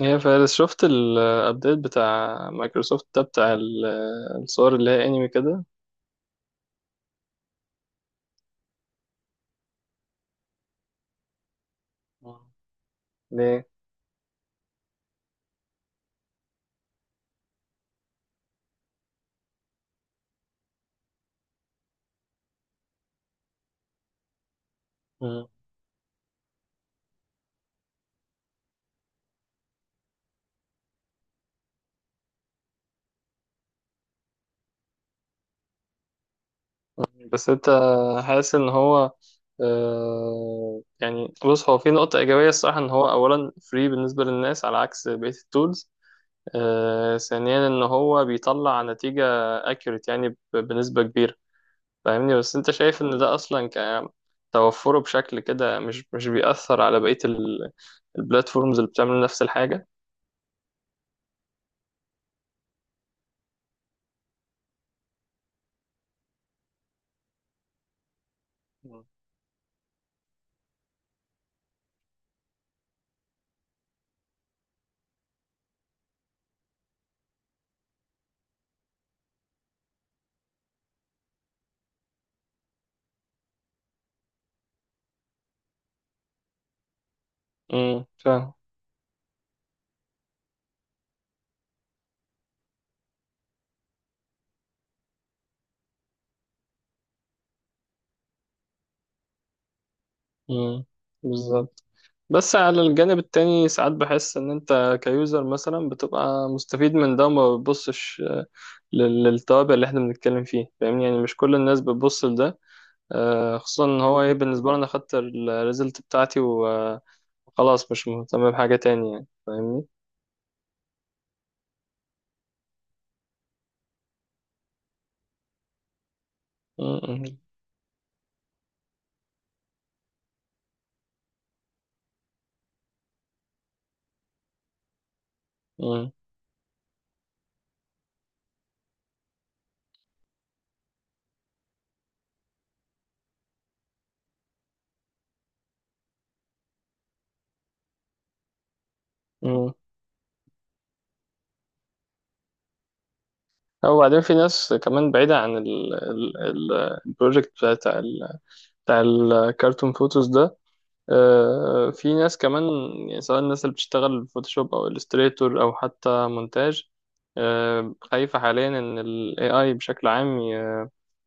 يا فارس، شفت الابديت بتاع مايكروسوفت ده بتاع الصور اللي هي انمي كده؟ ليه؟ مم. بس انت حاسس ان هو بص، هو في نقطة إيجابية الصراحة، إن هو أولا فري بالنسبة للناس على عكس بقية التولز، ثانيا إن هو بيطلع نتيجة accurate يعني بنسبة كبيرة، فاهمني؟ بس أنت شايف إن ده أصلا توفره بشكل كده مش بيأثر على البلاتفورمز اللي بتعمل نفس الحاجة؟ امم، فاهم. امم، بالظبط. بس على الجانب التاني ساعات بحس ان انت كيوزر مثلا بتبقى مستفيد من ده وما بتبصش، للتوابع اللي احنا بنتكلم فيه، فاهمني؟ يعني مش كل الناس بتبص لده. خصوصا ان هو ايه، بالنسبه لي انا خدت الريزلت بتاعتي وخلاص، مش مهتم بحاجه تانية يعني، فاهمني؟ امم. امم. امم. او بعدين في ناس كمان بعيده عن البروجكت بتاع ال- بتاع الكرتون فوتوز ده. في ناس كمان، يعني سواء الناس اللي بتشتغل فوتوشوب او الستريتور او حتى مونتاج، خايفة حاليا ان ال AI بشكل عام ي-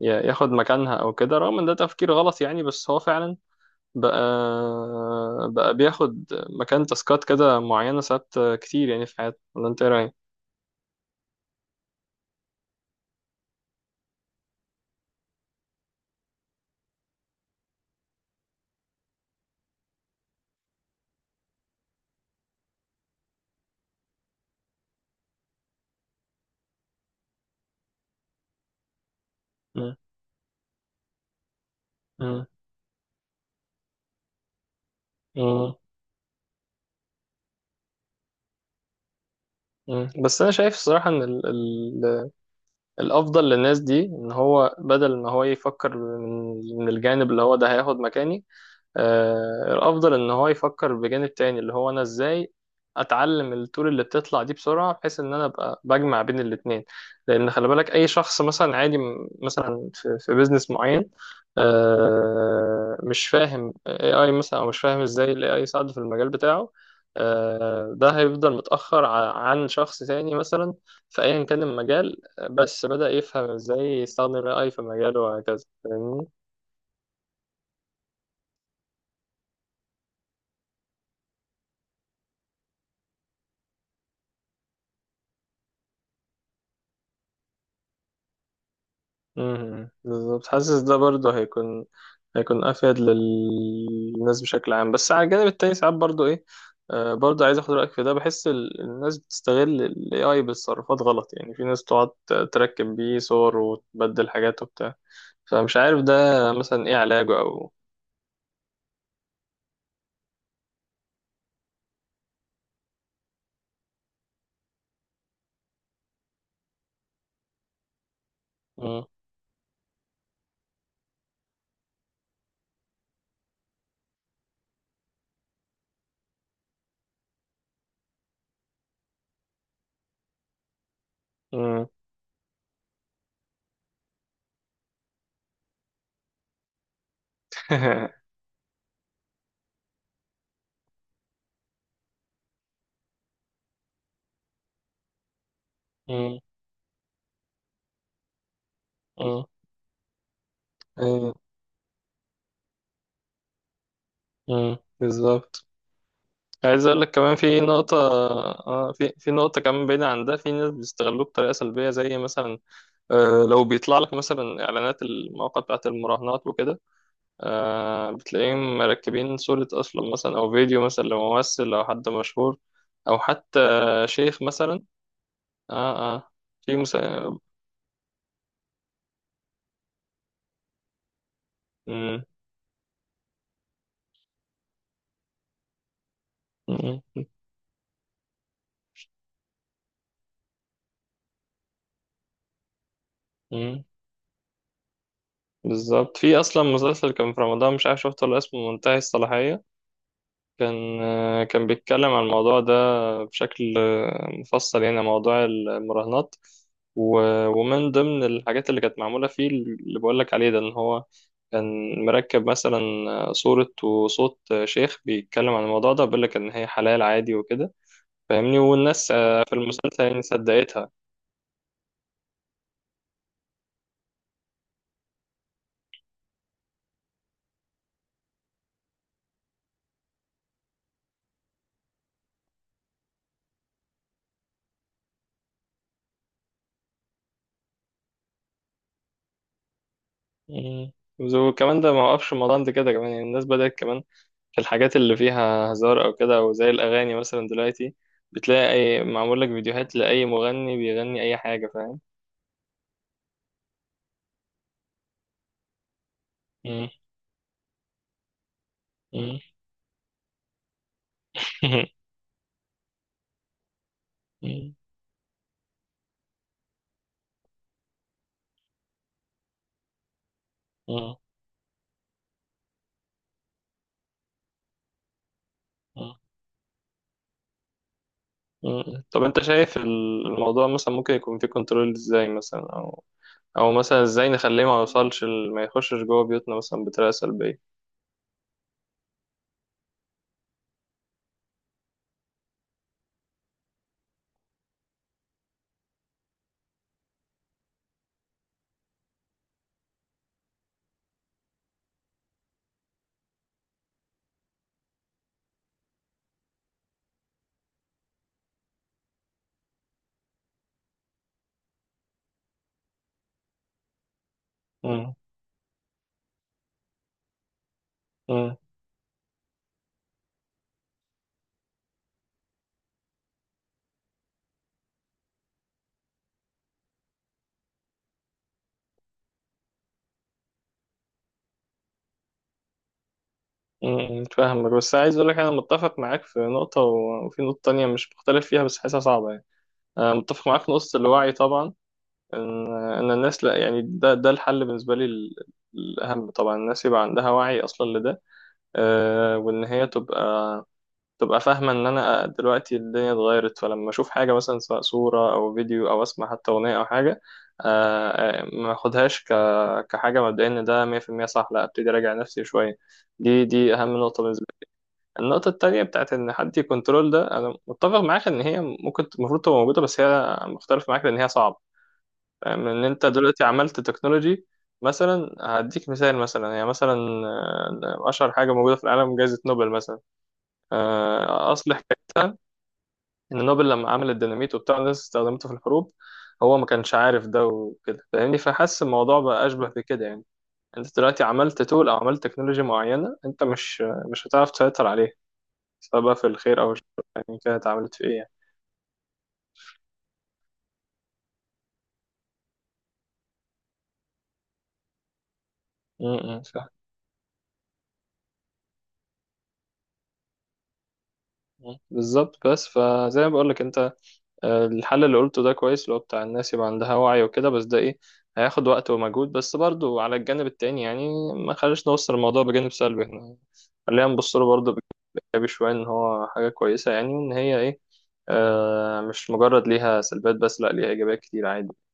ي- ياخد مكانها او كده، رغم ان ده تفكير غلط يعني، بس هو فعلا بقى بقى بياخد مكان تاسكات كده معينة ساعات كتير يعني في حياتنا، ولا انت ايه رأيك؟ مم. مم. مم. مم. بس انا شايف الصراحة ان ال الافضل للناس دي ان هو بدل ما هو يفكر من الجانب اللي هو ده هياخد مكاني، الافضل ان هو يفكر بجانب تاني، اللي هو انا ازاي اتعلم الطول اللي بتطلع دي بسرعه، بحيث ان انا ابقى بجمع بين الاتنين. لان خلي بالك، اي شخص مثلا عادي، مثلا في بيزنس معين، مش فاهم اي اي مثلا، او مش فاهم ازاي الاي اي يساعده في المجال بتاعه، ده هيفضل متاخر عن شخص تاني مثلا في ايا كان المجال، بس بدأ يفهم ازاي يستخدم الاي اي في مجاله وهكذا، فاهمني؟ مم. بالظبط. حاسس ده برضه هيكون هيكون افيد للناس بشكل عام، بس على الجانب التاني ساعات برضه ايه، آه برضه عايز اخد رايك في ده، بحس الناس بتستغل الاي اي بالتصرفات غلط يعني، في ناس تقعد تركب بيه صور وتبدل حاجات وبتاع، فمش عارف ده مثلا ايه علاجه او. مم. مم. مم. مم. أيوه. مم. بالظبط. عايز اقول لك كمان في نقطة، اه في نقطة كمان بعيدة عن ده، في ناس بيستغلوه بطريقة سلبية، زي مثلا، لو بيطلع لك مثلا اعلانات المواقع بتاعت المراهنات وكده، بتلاقيهم مركبين صورة اصلا مثلا او فيديو مثلا لممثل او حد مشهور، او حتى شيخ مثلا. اه اه في مم، مم، مم، بالظبط. في اصلا مسلسل كان في رمضان، مش عارف شفته ولا، اسمه منتهي الصلاحية، كان كان بيتكلم عن الموضوع ده بشكل مفصل، يعني موضوع المراهنات، ومن ضمن الحاجات اللي كانت معمولة فيه اللي بقولك عليه ده، إن هو كان مركب مثلا صورة وصوت شيخ بيتكلم عن الموضوع ده، بيقولك إن هي حلال عادي وكده، فاهمني؟ والناس في المسلسل يعني صدقتها. مم. وكمان ده ما وقفش الموضوع عند كده، كمان يعني الناس بدأت كمان الحاجات اللي فيها هزار او كده، او زي الاغاني مثلا دلوقتي بتلاقي اي معمول لك فيديوهات لاي مغني بيغني اي حاجه، فاهم؟ مم. مم. مم. مم. مم. طب انت شايف الموضوع مثلا ممكن يكون فيه كنترول ازاي مثلا، او او مثلا ازاي نخليه ما يوصلش ما يخشش جوه بيوتنا مثلا بطريقه سلبيه؟ مم. مم. مم. فاهمك، بس عايز اقول لك، انا متفق معاك في نقطه وفي نقطه تانية مش مختلف فيها بس حاسسها صعبه يعني. أنا متفق معاك في نقطه الوعي طبعا، ان الناس، لا يعني ده ده الحل بالنسبه لي، الاهم طبعا الناس يبقى عندها وعي اصلا لده، وان هي تبقى فاهمه ان انا دلوقتي الدنيا اتغيرت، فلما اشوف حاجه مثلا، سواء صوره او فيديو، او اسمع حتى اغنيه او حاجه، ما اخدهاش كحاجه مبدئيه ان ده 100% صح، لا ابتدي اراجع نفسي شويه. دي دي اهم نقطه بالنسبه لي. النقطه التانيه بتاعت ان حد يكنترول ده، انا متفق معاك ان هي ممكن المفروض تبقى موجوده، بس هي مختلف معاك ان هي صعبه. فاهم ان انت دلوقتي عملت تكنولوجي مثلا، هديك مثال مثلا، يعني مثلا، اشهر حاجه موجوده في العالم جائزه نوبل مثلا، اصل حكايتها ان نوبل لما عمل الديناميت وبتاع، الناس استخدمته في الحروب، هو ما كانش عارف ده وكده، فاهمني؟ فحس الموضوع بقى اشبه بكده يعني، انت دلوقتي عملت تول او عملت تكنولوجي معينه، انت مش هتعرف تسيطر عليها، سواء بقى في الخير او الشر، يعني كانت عملت في ايه يعني. م- م، فاهم. م، بالظبط. بس فزي ما بقول لك، انت الحل اللي قلته ده كويس، اللي هو بتاع الناس يبقى عندها وعي وكده، بس ده ايه، هياخد وقت ومجهود، بس برضو على الجانب التاني يعني ما خليش نوصل الموضوع بجانب سلبي، احنا خلينا نبص له برضه بإيجابي شوية، إن هو حاجة كويسة يعني، وإن هي إيه، آه مش مجرد ليها سلبيات بس، لأ ليها إيجابيات كتير عادي.